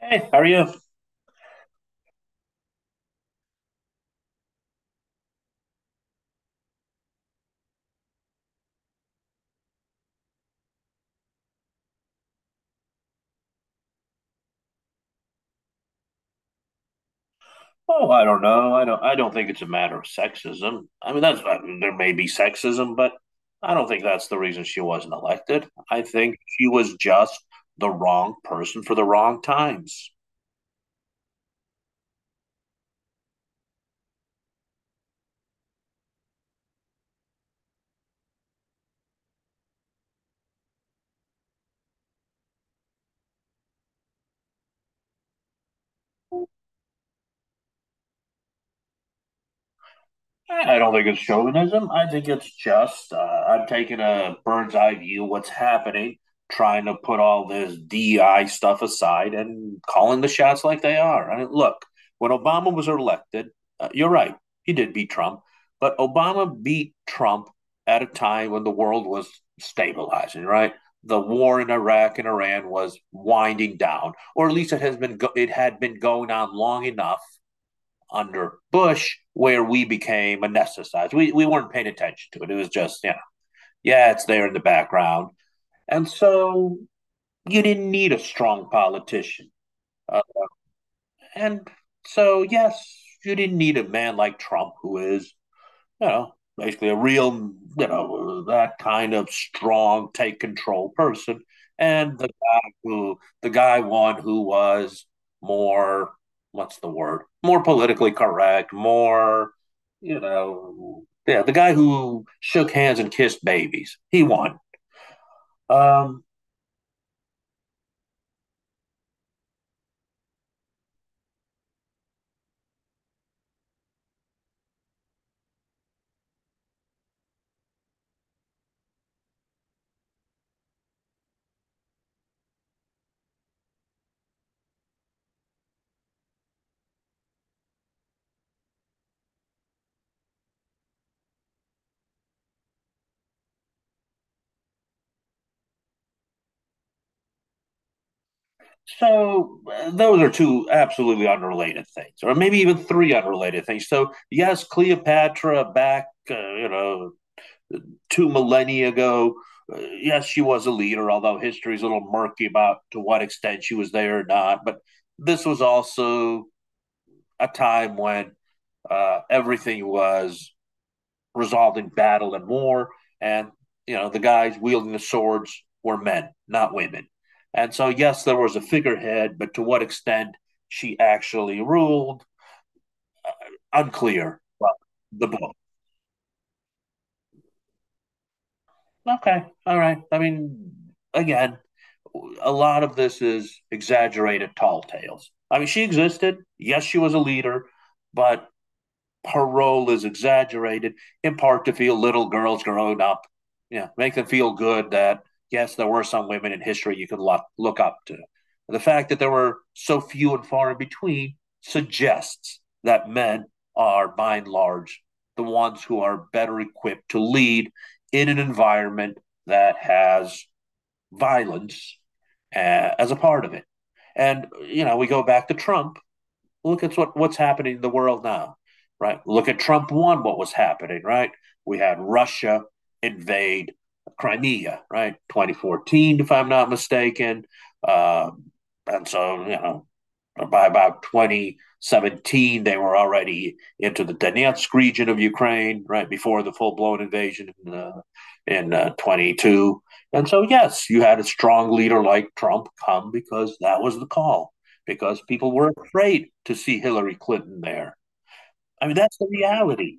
Hey, how are you? Oh, I don't know. I don't. I don't think it's a matter of sexism. I mean, that's I mean, there may be sexism, but I don't think that's the reason she wasn't elected. I think she was just the wrong person for the wrong times. I don't think it's chauvinism. I think it's just I'm taking a bird's eye view of what's happening, trying to put all this DI stuff aside and calling the shots like they are. I mean, look, when Obama was elected, you're right, he did beat Trump, but Obama beat Trump at a time when the world was stabilizing, right? The war in Iraq and Iran was winding down, or at least it had been going on long enough under Bush where we became anesthetized. We weren't paying attention to it. It was just, yeah, it's there in the background. And so you didn't need a strong politician. Uh, and So, yes, you didn't need a man like Trump who is you know, basically a real, you know, that kind of strong, take control person. And the guy one who was more, what's the word? More politically correct, more, you know, yeah, the guy who shook hands and kissed babies. He won. Um, those are two absolutely unrelated things, or maybe even three unrelated things. So yes, Cleopatra back, you know, two millennia ago. Yes, she was a leader, although history is a little murky about to what extent she was there or not. But this was also a time when everything was resolved in battle and war, and you know the guys wielding the swords were men, not women. And so, yes, there was a figurehead, but to what extent she actually ruled, unclear. Well, the book. Okay, all right. I mean, again, a lot of this is exaggerated tall tales. I mean, she existed. Yes, she was a leader, but her role is exaggerated in part to feel little girls growing up, you know, make them feel good that, yes, there were some women in history you could look up to. The fact that there were so few and far in between suggests that men are, by and large, the ones who are better equipped to lead in an environment that has violence as a part of it. And you know, we go back to Trump. Look at what's happening in the world now, right? Look at Trump one. What was happening, right? We had Russia invade Crimea, right? 2014, if I'm not mistaken. Uh, and so you know, by about 2017, they were already into the Donetsk region of Ukraine, right before the full blown invasion in 22. And so, yes, you had a strong leader like Trump come because that was the call, because people were afraid to see Hillary Clinton there. I mean, that's the reality.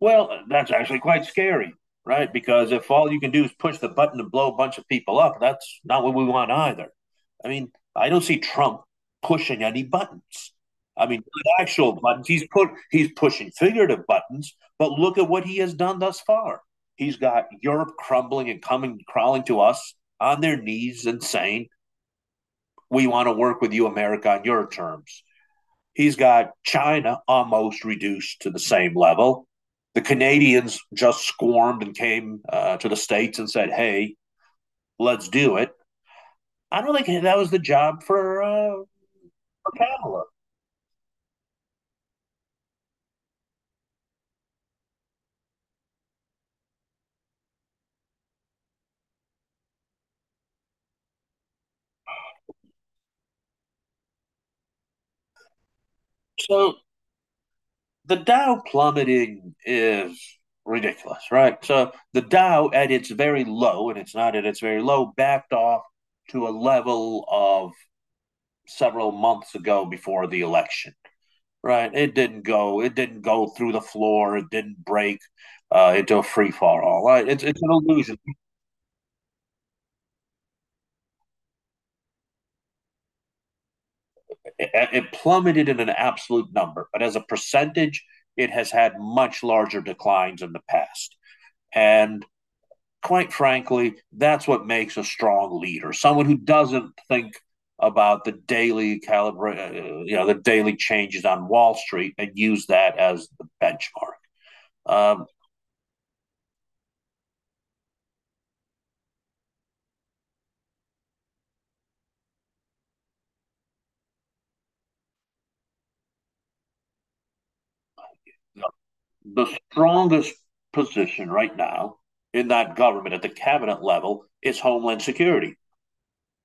Well, that's actually quite scary, right? Because if all you can do is push the button to blow a bunch of people up, that's not what we want either. I mean, I don't see Trump pushing any buttons. I mean, not actual buttons. He's pushing figurative buttons, but look at what he has done thus far. He's got Europe crumbling and coming crawling to us on their knees and saying, "We want to work with you, America, on your terms." He's got China almost reduced to the same level. The Canadians just squirmed and came to the States and said, hey, let's do it. I don't think that was the job for Kamala. So the Dow plummeting is ridiculous, right? So the Dow at its very low, and it's not at its very low, backed off to a level of several months ago before the election. Right. It didn't go. It didn't go through the floor. It didn't break into a free fall. All right. It's an illusion. It plummeted in an absolute number, but as a percentage, it has had much larger declines in the past. And quite frankly, that's what makes a strong leader someone who doesn't think about the you know, the daily changes on Wall Street and use that as the benchmark. Um, the strongest position right now in that government at the cabinet level is Homeland Security.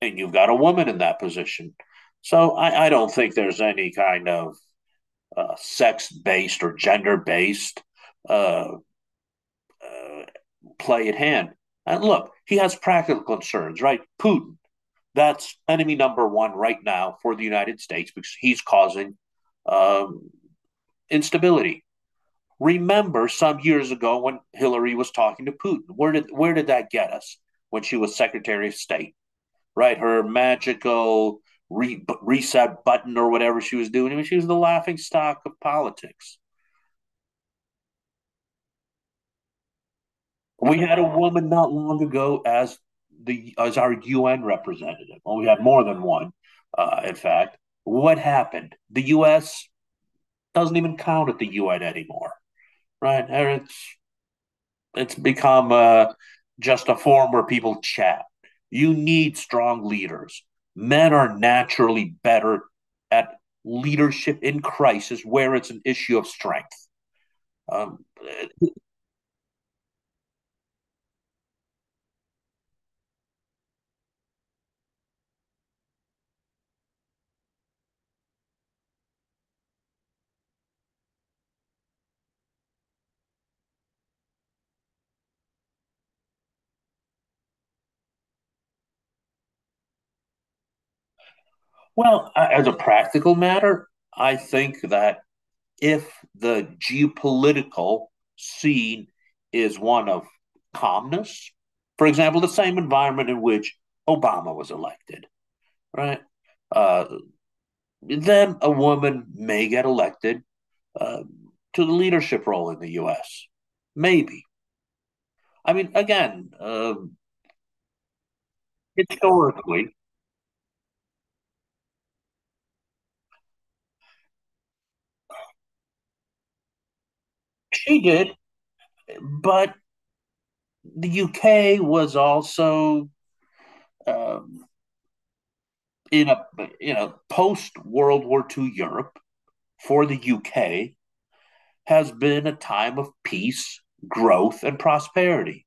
And you've got a woman in that position. So I don't think there's any kind of sex based or gender based uh, uh, play at hand. And look, he has practical concerns, right? Putin, that's enemy number one right now for the United States because he's causing um, instability. Remember some years ago when Hillary was talking to Putin. Where did that get us when she was Secretary of State? Right, her magical reset button or whatever she was doing. I mean, she was the laughing stock of politics. We had a woman not long ago as the as our UN representative. Well, we had more than one, in fact. What happened? The U.S. doesn't even count at the UN anymore, right? It's become just a forum where people chat. You need strong leaders. Men are naturally better at leadership in crisis where it's an issue of strength. Um, as a practical matter, I think that if the geopolitical scene is one of calmness, for example, the same environment in which Obama was elected, right? Uh, then a woman may get elected uh, to the leadership role in the U.S. Maybe. I mean, again, historically, she did, but the U.K. was also um, in a you know post World War II Europe for the U.K. has been a time of peace, growth, and prosperity.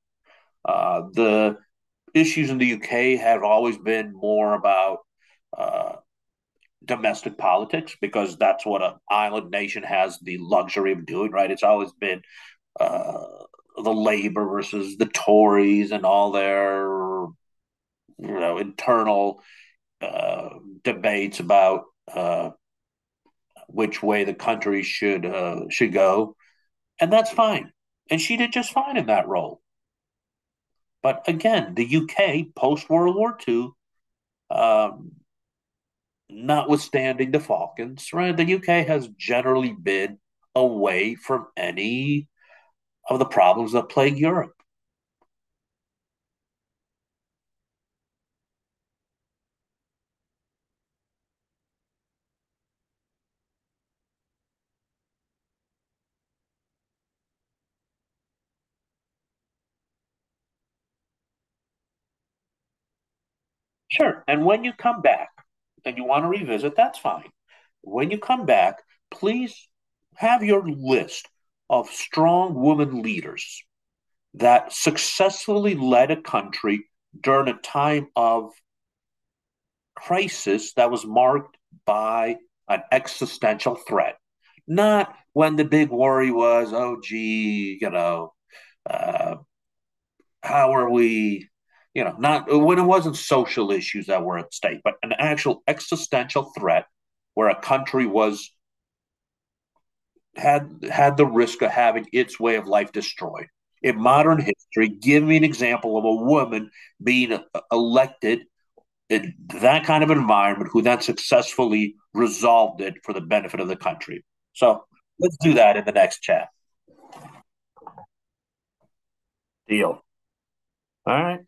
The issues in the UK have always been more about uh, domestic politics because that's what an island nation has the luxury of doing, right? It's always been uh, the Labor versus the Tories and all their you know internal uh, debates about uh, which way the country should go, and that's fine. And she did just fine in that role. But again, the UK post World War Two. um, Notwithstanding the Falcons, right? The UK has generally been away from any of the problems that plague Europe. Sure. And when you come back and you want to revisit, that's fine. When you come back, please have your list of strong women leaders that successfully led a country during a time of crisis that was marked by an existential threat. Not when the big worry was, oh, gee, you know, uh, how are we, you know, not when it wasn't social issues that were at stake, but an actual existential threat where a country was had had the risk of having its way of life destroyed in modern history. Give me an example of a woman being elected in that kind of environment who then successfully resolved it for the benefit of the country. So let's do that in the next chat. Deal. All right.